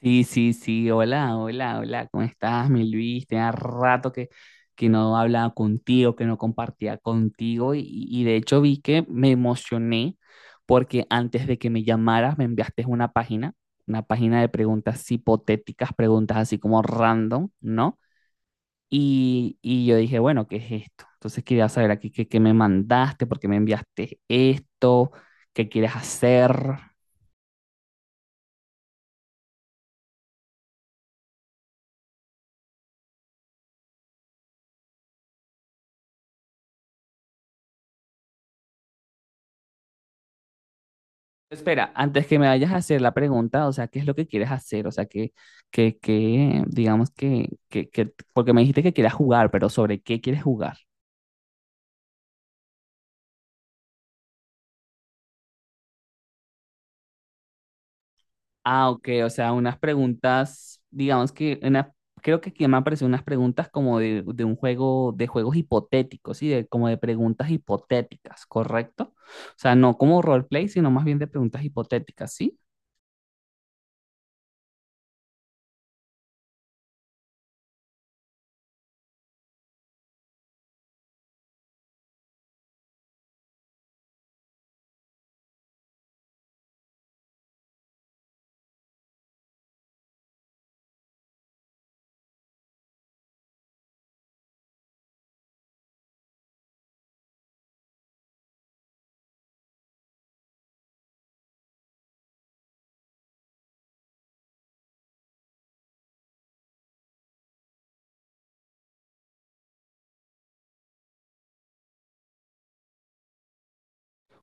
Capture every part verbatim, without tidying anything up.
Sí, sí, sí, hola, hola, hola, ¿cómo estás, mi Luis? Tenía rato que, que no hablaba contigo, que no compartía contigo y, y de hecho vi que me emocioné porque antes de que me llamaras me enviaste una página, una página de preguntas hipotéticas, preguntas así como random, ¿no? Y, y yo dije, bueno, ¿qué es esto? Entonces quería saber aquí qué, qué me mandaste, por qué me enviaste esto, qué quieres hacer. Espera, antes que me vayas a hacer la pregunta, o sea, ¿qué es lo que quieres hacer? O sea, que, que, que digamos que, que, que, porque me dijiste que quieras jugar, pero ¿sobre qué quieres jugar? Ah, ok, o sea, unas preguntas, digamos que, una, creo que aquí me aparecen unas preguntas como de, de un juego, de juegos hipotéticos, ¿sí? De, como de preguntas hipotéticas, ¿correcto? O sea, no como roleplay, sino más bien de preguntas hipotéticas, ¿sí?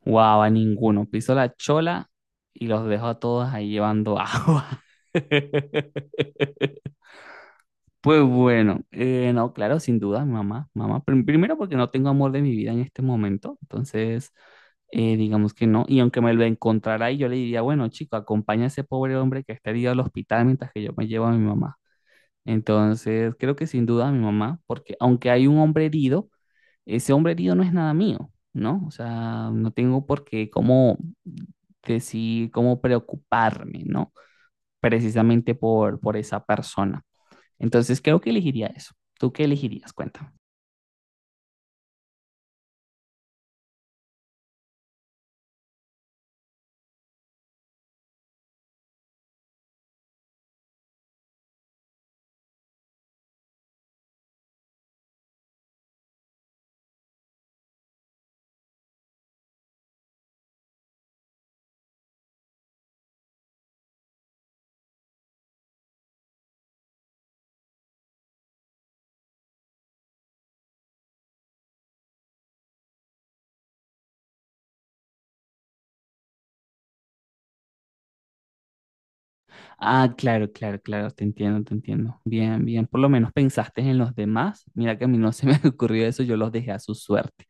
Wow, a ninguno. Piso la chola y los dejo a todos ahí llevando agua. Pues bueno, eh, no, claro, sin duda, mamá, mamá. Prim- Primero porque no tengo amor de mi vida en este momento, entonces eh, digamos que no. Y aunque me lo encontrara ahí, yo le diría, bueno, chico, acompaña a ese pobre hombre que está herido al hospital mientras que yo me llevo a mi mamá. Entonces, creo que sin duda mi mamá, porque aunque hay un hombre herido, ese hombre herido no es nada mío, ¿no? O sea, no tengo por qué cómo decir, cómo preocuparme, ¿no? Precisamente por, por esa persona. Entonces creo que elegiría eso. ¿Tú qué elegirías? Cuéntame. Ah, claro, claro, claro, te entiendo, te entiendo. Bien, bien, por lo menos pensaste en los demás. Mira que a mí no se me ocurrió eso, yo los dejé a su suerte.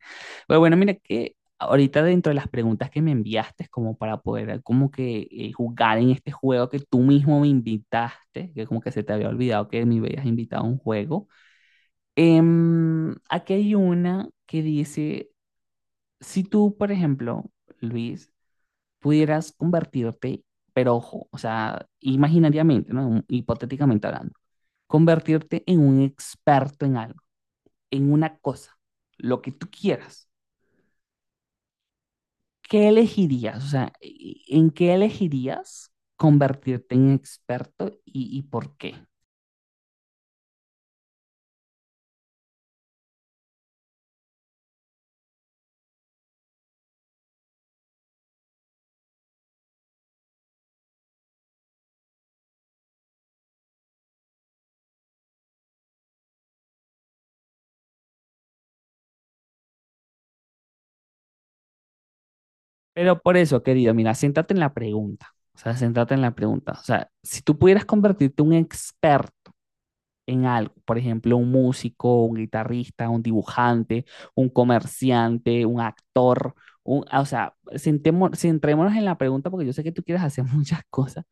Pero bueno, mira que ahorita dentro de las preguntas que me enviaste, como para poder como que eh, jugar en este juego que tú mismo me invitaste, que como que se te había olvidado que me habías invitado a un juego, em, aquí hay una que dice, si tú, por ejemplo, Luis, pudieras convertirte, pero ojo, o sea, imaginariamente, ¿no? Hipotéticamente hablando, convertirte en un experto en algo, en una cosa, lo que tú quieras, ¿qué elegirías? O sea, ¿en qué elegirías convertirte en experto y, y por qué? Pero por eso, querido, mira, siéntate en la pregunta. O sea, siéntate en la pregunta. O sea, si tú pudieras convertirte en un experto en algo. Por ejemplo, un músico, un guitarrista, un dibujante, un comerciante, un actor. Un, ah, o sea, sentemo- centrémonos en la pregunta porque yo sé que tú quieres hacer muchas cosas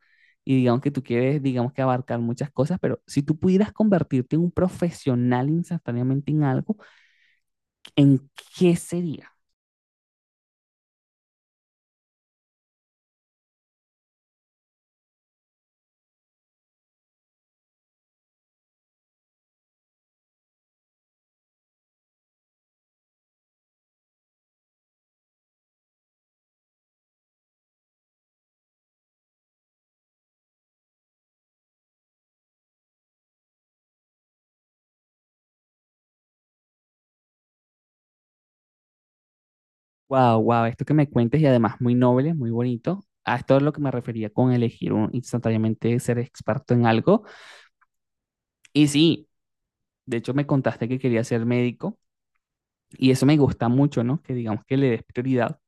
y digamos que tú quieres, digamos que abarcar muchas cosas, pero si tú pudieras convertirte en un profesional instantáneamente en algo, ¿en qué sería? Wow, wow, esto que me cuentes y además muy noble, muy bonito. A esto es lo que me refería con elegir un, instantáneamente ser experto en algo. Y sí, de hecho me contaste que quería ser médico. Y eso me gusta mucho, ¿no? Que digamos que le des prioridad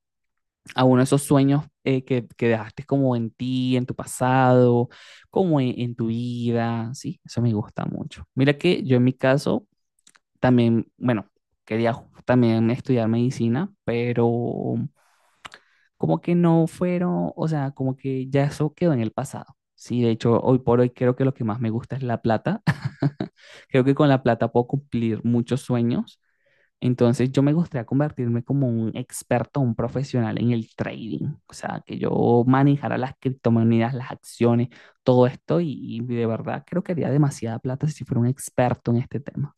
a uno de esos sueños eh, que, que dejaste como en ti, en tu pasado, como en, en tu vida, ¿sí? Eso me gusta mucho. Mira que yo en mi caso también, bueno, quería ju- también estudiar medicina, pero como que no fueron, o sea, como que ya eso quedó en el pasado. Sí, de hecho, hoy por hoy creo que lo que más me gusta es la plata. Creo que con la plata puedo cumplir muchos sueños, entonces yo me gustaría convertirme como un experto, un profesional en el trading, o sea, que yo manejara las criptomonedas, las acciones, todo esto y, y de verdad creo que haría demasiada plata si fuera un experto en este tema.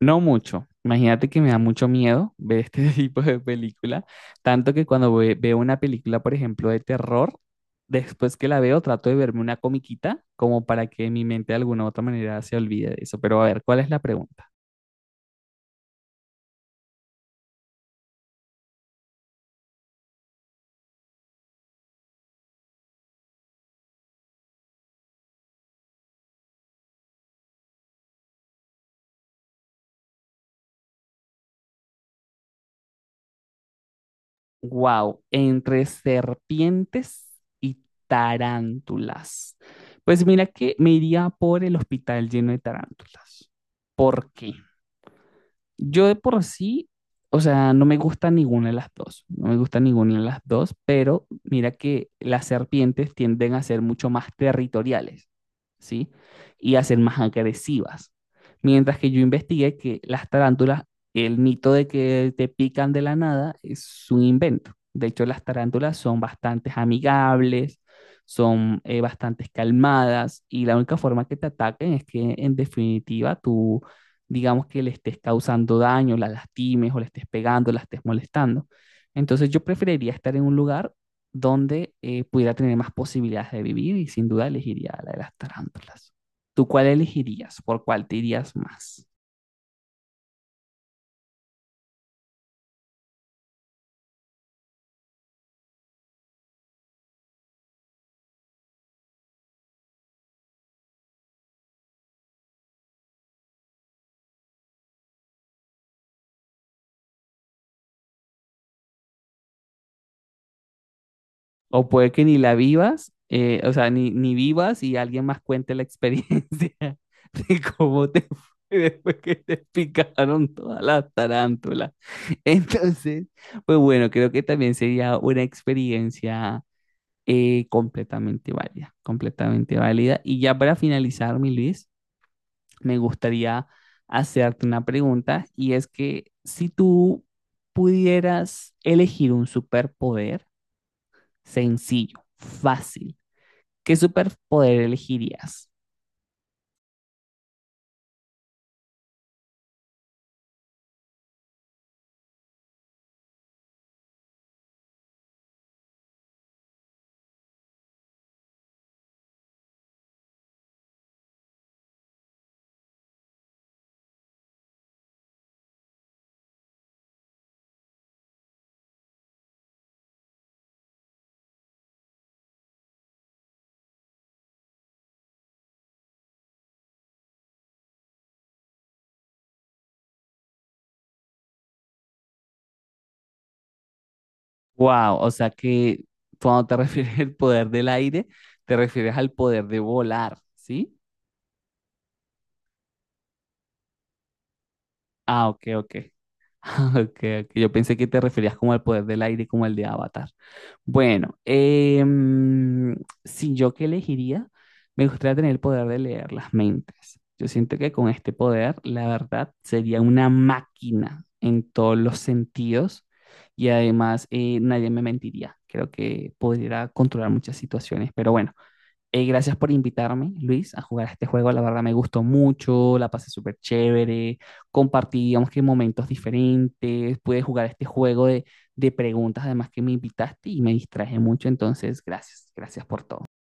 No mucho, imagínate que me da mucho miedo ver este tipo de película, tanto que cuando ve- veo una película, por ejemplo, de terror, después que la veo trato de verme una comiquita como para que mi mente de alguna u otra manera se olvide de eso, pero a ver, ¿cuál es la pregunta? Wow, entre serpientes y tarántulas. Pues mira que me iría por el hospital lleno de tarántulas. ¿Por qué? Yo de por sí, o sea, no me gusta ninguna de las dos, no me gusta ninguna de las dos, pero mira que las serpientes tienden a ser mucho más territoriales, ¿sí? Y a ser más agresivas. Mientras que yo investigué que las tarántulas, el mito de que te pican de la nada es un invento. De hecho, las tarántulas son bastante amigables, son eh, bastante calmadas y la única forma que te ataquen es que en definitiva tú digamos que le estés causando daño, la lastimes o le estés pegando, la estés molestando. Entonces yo preferiría estar en un lugar donde eh, pudiera tener más posibilidades de vivir y sin duda elegiría la de las tarántulas. ¿Tú cuál elegirías? ¿Por cuál te irías más? O puede que ni la vivas, eh, o sea, ni, ni vivas y alguien más cuente la experiencia de cómo te fue después que te picaron todas las tarántulas. Entonces, pues bueno, creo que también sería una experiencia eh, completamente válida, completamente válida. Y ya para finalizar, mi Luis, me gustaría hacerte una pregunta y es que si tú pudieras elegir un superpoder sencillo, fácil, ¿qué superpoder elegirías? Wow, o sea que cuando te refieres al poder del aire, te refieres al poder de volar, ¿sí? Ah, ok, ok. Ah, okay, ok. Yo pensé que te referías como al poder del aire, como el de Avatar. Bueno, em, si yo qué elegiría, me gustaría tener el poder de leer las mentes. Yo siento que con este poder, la verdad, sería una máquina en todos los sentidos y además eh, nadie me mentiría. Creo que podría controlar muchas situaciones, pero bueno, eh, gracias por invitarme, Luis, a jugar a este juego. La verdad me gustó mucho, la pasé súper chévere. Compartí, digamos que momentos diferentes. Pude jugar este juego de, de preguntas, además que me invitaste y me distraje mucho. Entonces, gracias, gracias por todo.